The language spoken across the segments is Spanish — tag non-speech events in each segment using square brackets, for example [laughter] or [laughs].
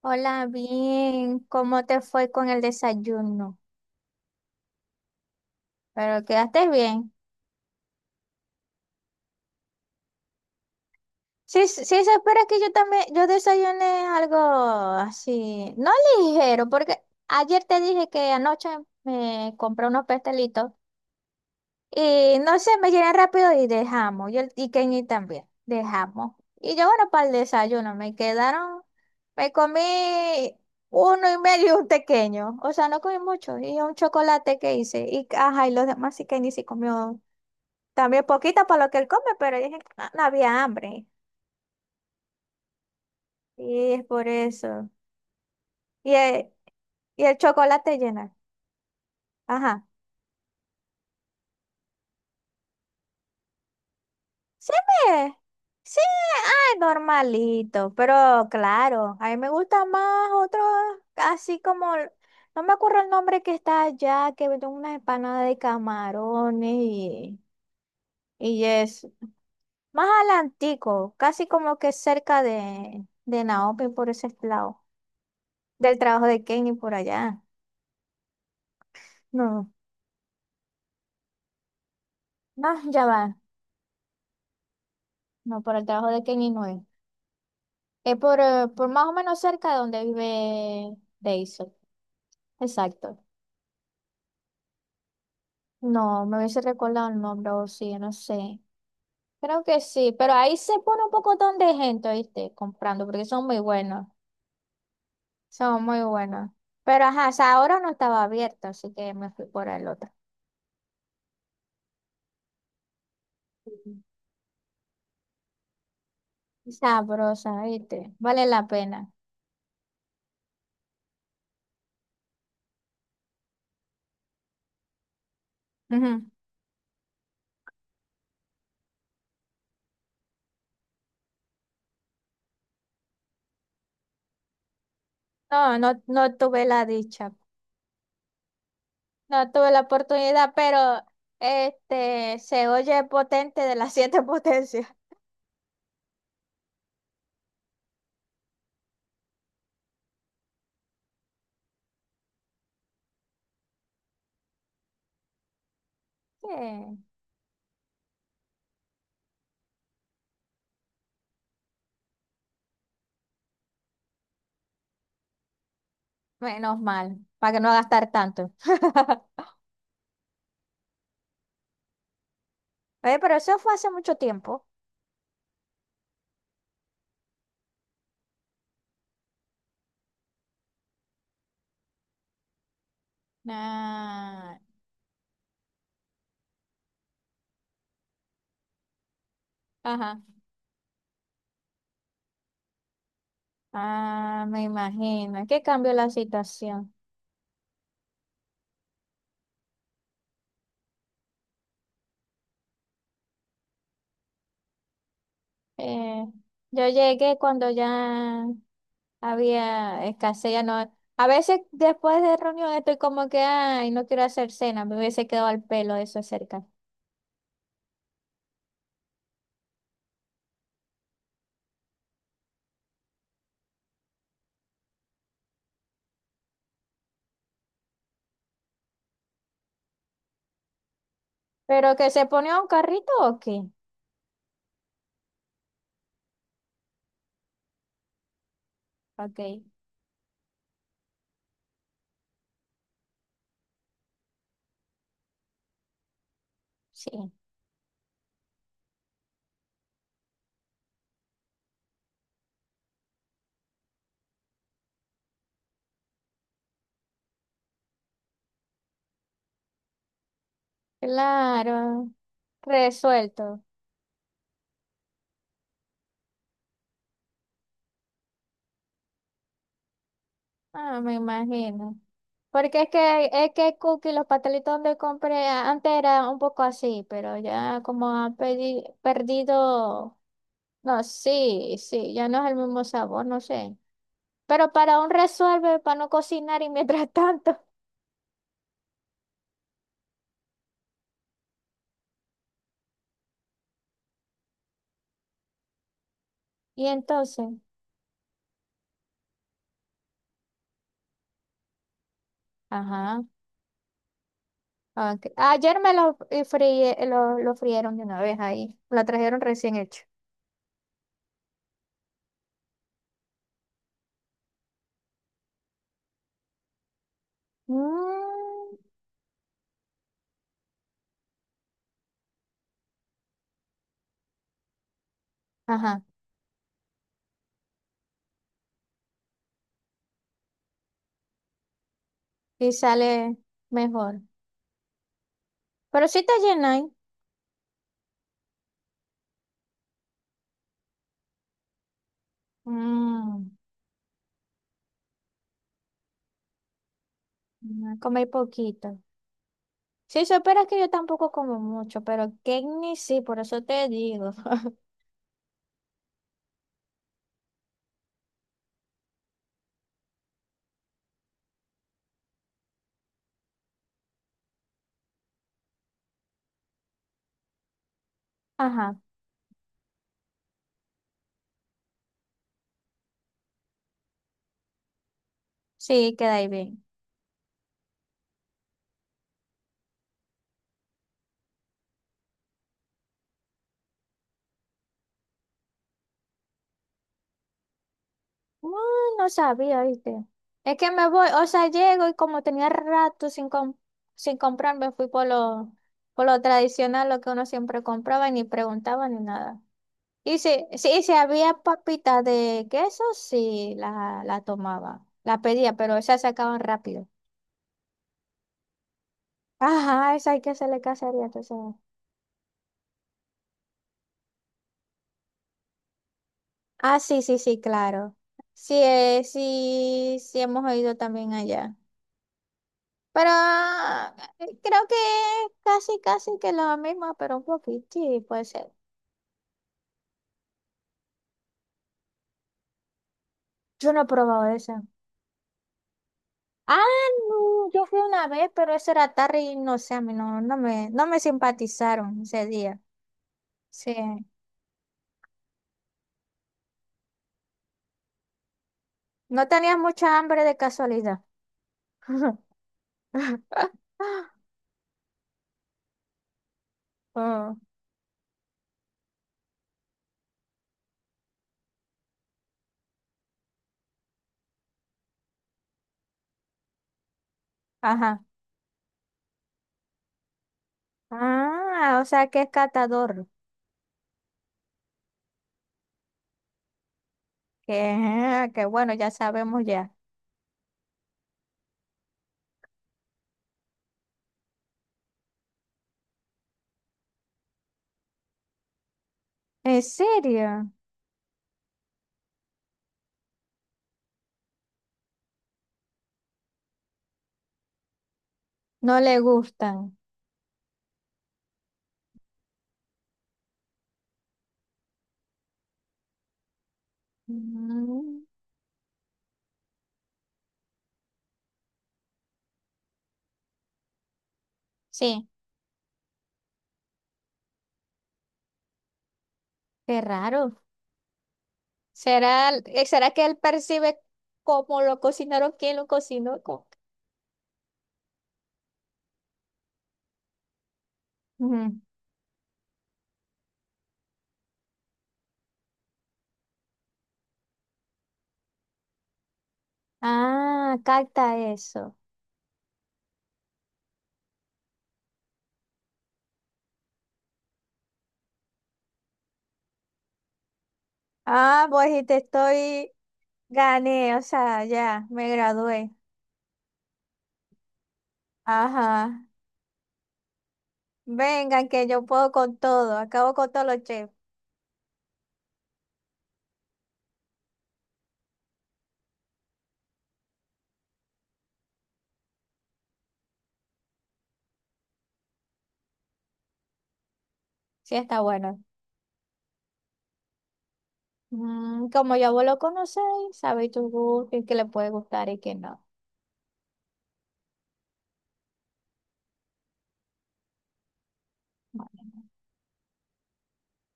Hola, bien. ¿Cómo te fue con el desayuno? Pero quedaste bien. Sí, sí, sí, se espera que yo también, yo desayuné algo así, no ligero, porque ayer te dije que anoche me compré unos pastelitos. Y no sé, me llené rápido y dejamos. Yo, y Kenny también, dejamos. Y yo, bueno, para el desayuno, me quedaron, me comí uno y medio y un pequeño. O sea, no comí mucho. Y un chocolate que hice. Y, ajá, y los demás sí, Kenny sí comió también poquito para lo que él come, pero dije que no, no había hambre. Y es por eso. Y el, y el chocolate llena. Ajá. Sí, me, sí, ay, normalito, pero claro, a mí me gusta más otro, así como, el- no me acuerdo el nombre que está allá, que venden unas empanadas de camarones y es más adelantico, casi como que cerca de Naomi por ese lado, del trabajo de Kenny por allá. No, no, ya va, no, por el trabajo de Kenny no es, es por más o menos cerca de donde vive Daisy, exacto. No, me hubiese recordado el nombre, o sí, no sé. Creo que sí, pero ahí se pone un pocotón de gente, ¿viste? Comprando, porque son muy buenos, son muy buenos. Pero ajá, o sea, ahora no estaba abierto, así que me fui por el otro. Ujú. Sabrosa, ¿viste? Vale la pena. Ujú. No, no, no tuve la dicha, no tuve la oportunidad, pero este se oye potente de las [laughs] siete potencias. Sí. Menos mal, para que no gastar tanto. [laughs] Oye, pero eso fue hace mucho tiempo. Ah, ajá. Ah, me imagino. ¿Qué cambió la situación? Eh, yo llegué cuando ya había escasez, ya no. A veces después de reunión estoy como que, ay, no quiero hacer cena, me hubiese quedado al pelo eso cerca. ¿Pero que se ponía un carrito o qué? Ok, sí. Claro, resuelto. Ah, me imagino. Porque es que cookie, los pastelitos donde compré a- antes era un poco así, pero ya como han pedi- perdido, no, sí, sí, ya no es el mismo sabor, no sé. Pero para un resuelve, para no cocinar y mientras [laughs] tanto. Y entonces, ajá. Ok. Ayer me los fríe- lo frieron de una vez ahí. Lo trajeron recién hecho. Mm, ajá. Y sale mejor. Pero sí te llenáis. Mm, comí poquito. Si supieras que yo tampoco como mucho, pero ni sí, por eso te digo. [laughs] Ajá, sí, queda ahí bien. Mm, no sabía, ¿viste? Es que me voy, o sea, llego y como tenía rato sin, com- sin comprar, me fui por lo tradicional, lo que uno siempre compraba, y ni preguntaba ni nada. Y si, sí, y si había papitas de queso, sí, la tomaba, la pedía, pero esas se acaban rápido. Ajá, esa hay que hacerle cacería, entonces. Ah, sí, sí, sí, claro. Sí, sí, sí hemos oído también allá. Pero ah, creo que casi, casi que lo mismo, pero un poquito, sí, puede ser. Yo no he probado esa. Ah, no, yo fui una vez, pero eso era tarde y no sé, a mí no, no me, no me simpatizaron ese día. Sí, no tenía mucha hambre de casualidad. [laughs] Oh, ajá. Ah, o sea que es catador. Que bueno, ya sabemos ya. ¿En serio? No le gustan. Mm, sí. Qué raro. ¿Será, será que él percibe cómo lo cocinaron, quién lo cocinó? ¿Cómo? Ujú. Ah, capta eso. Ah, pues y te estoy, gané, o sea, ya, me gradué. Ajá. Vengan, que yo puedo con todo, acabo con todos los chefs. Sí, está bueno. Mm, como ya vos lo conocéis, sabéis tu gusto y qué le puede gustar y qué no.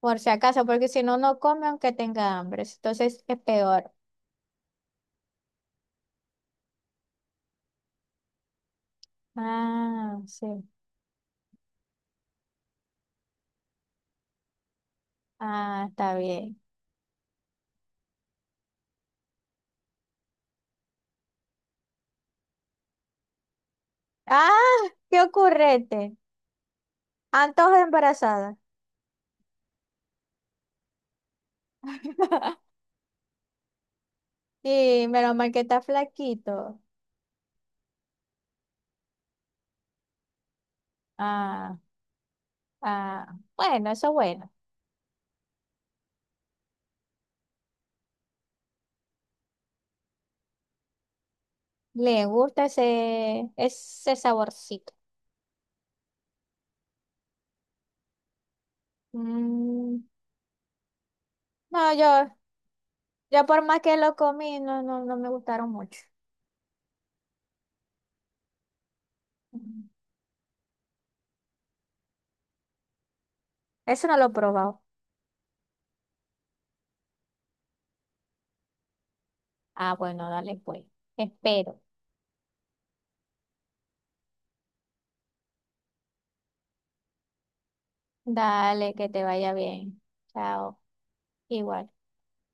Por si acaso, porque si no, no come aunque tenga hambre. Entonces es peor. Ah, sí. Ah, está bien. Ah, qué ocurrente. Antojo de embarazada. Y menos mal que está flaquito. Ah, ah. Bueno, eso es bueno. Le gusta ese, ese saborcito. Mm, no, yo por más que lo comí, no, no, no me gustaron mucho. Mm, eso no lo he probado. Ah, bueno, dale pues. Espero. Dale, que te vaya bien. Chao. Igual.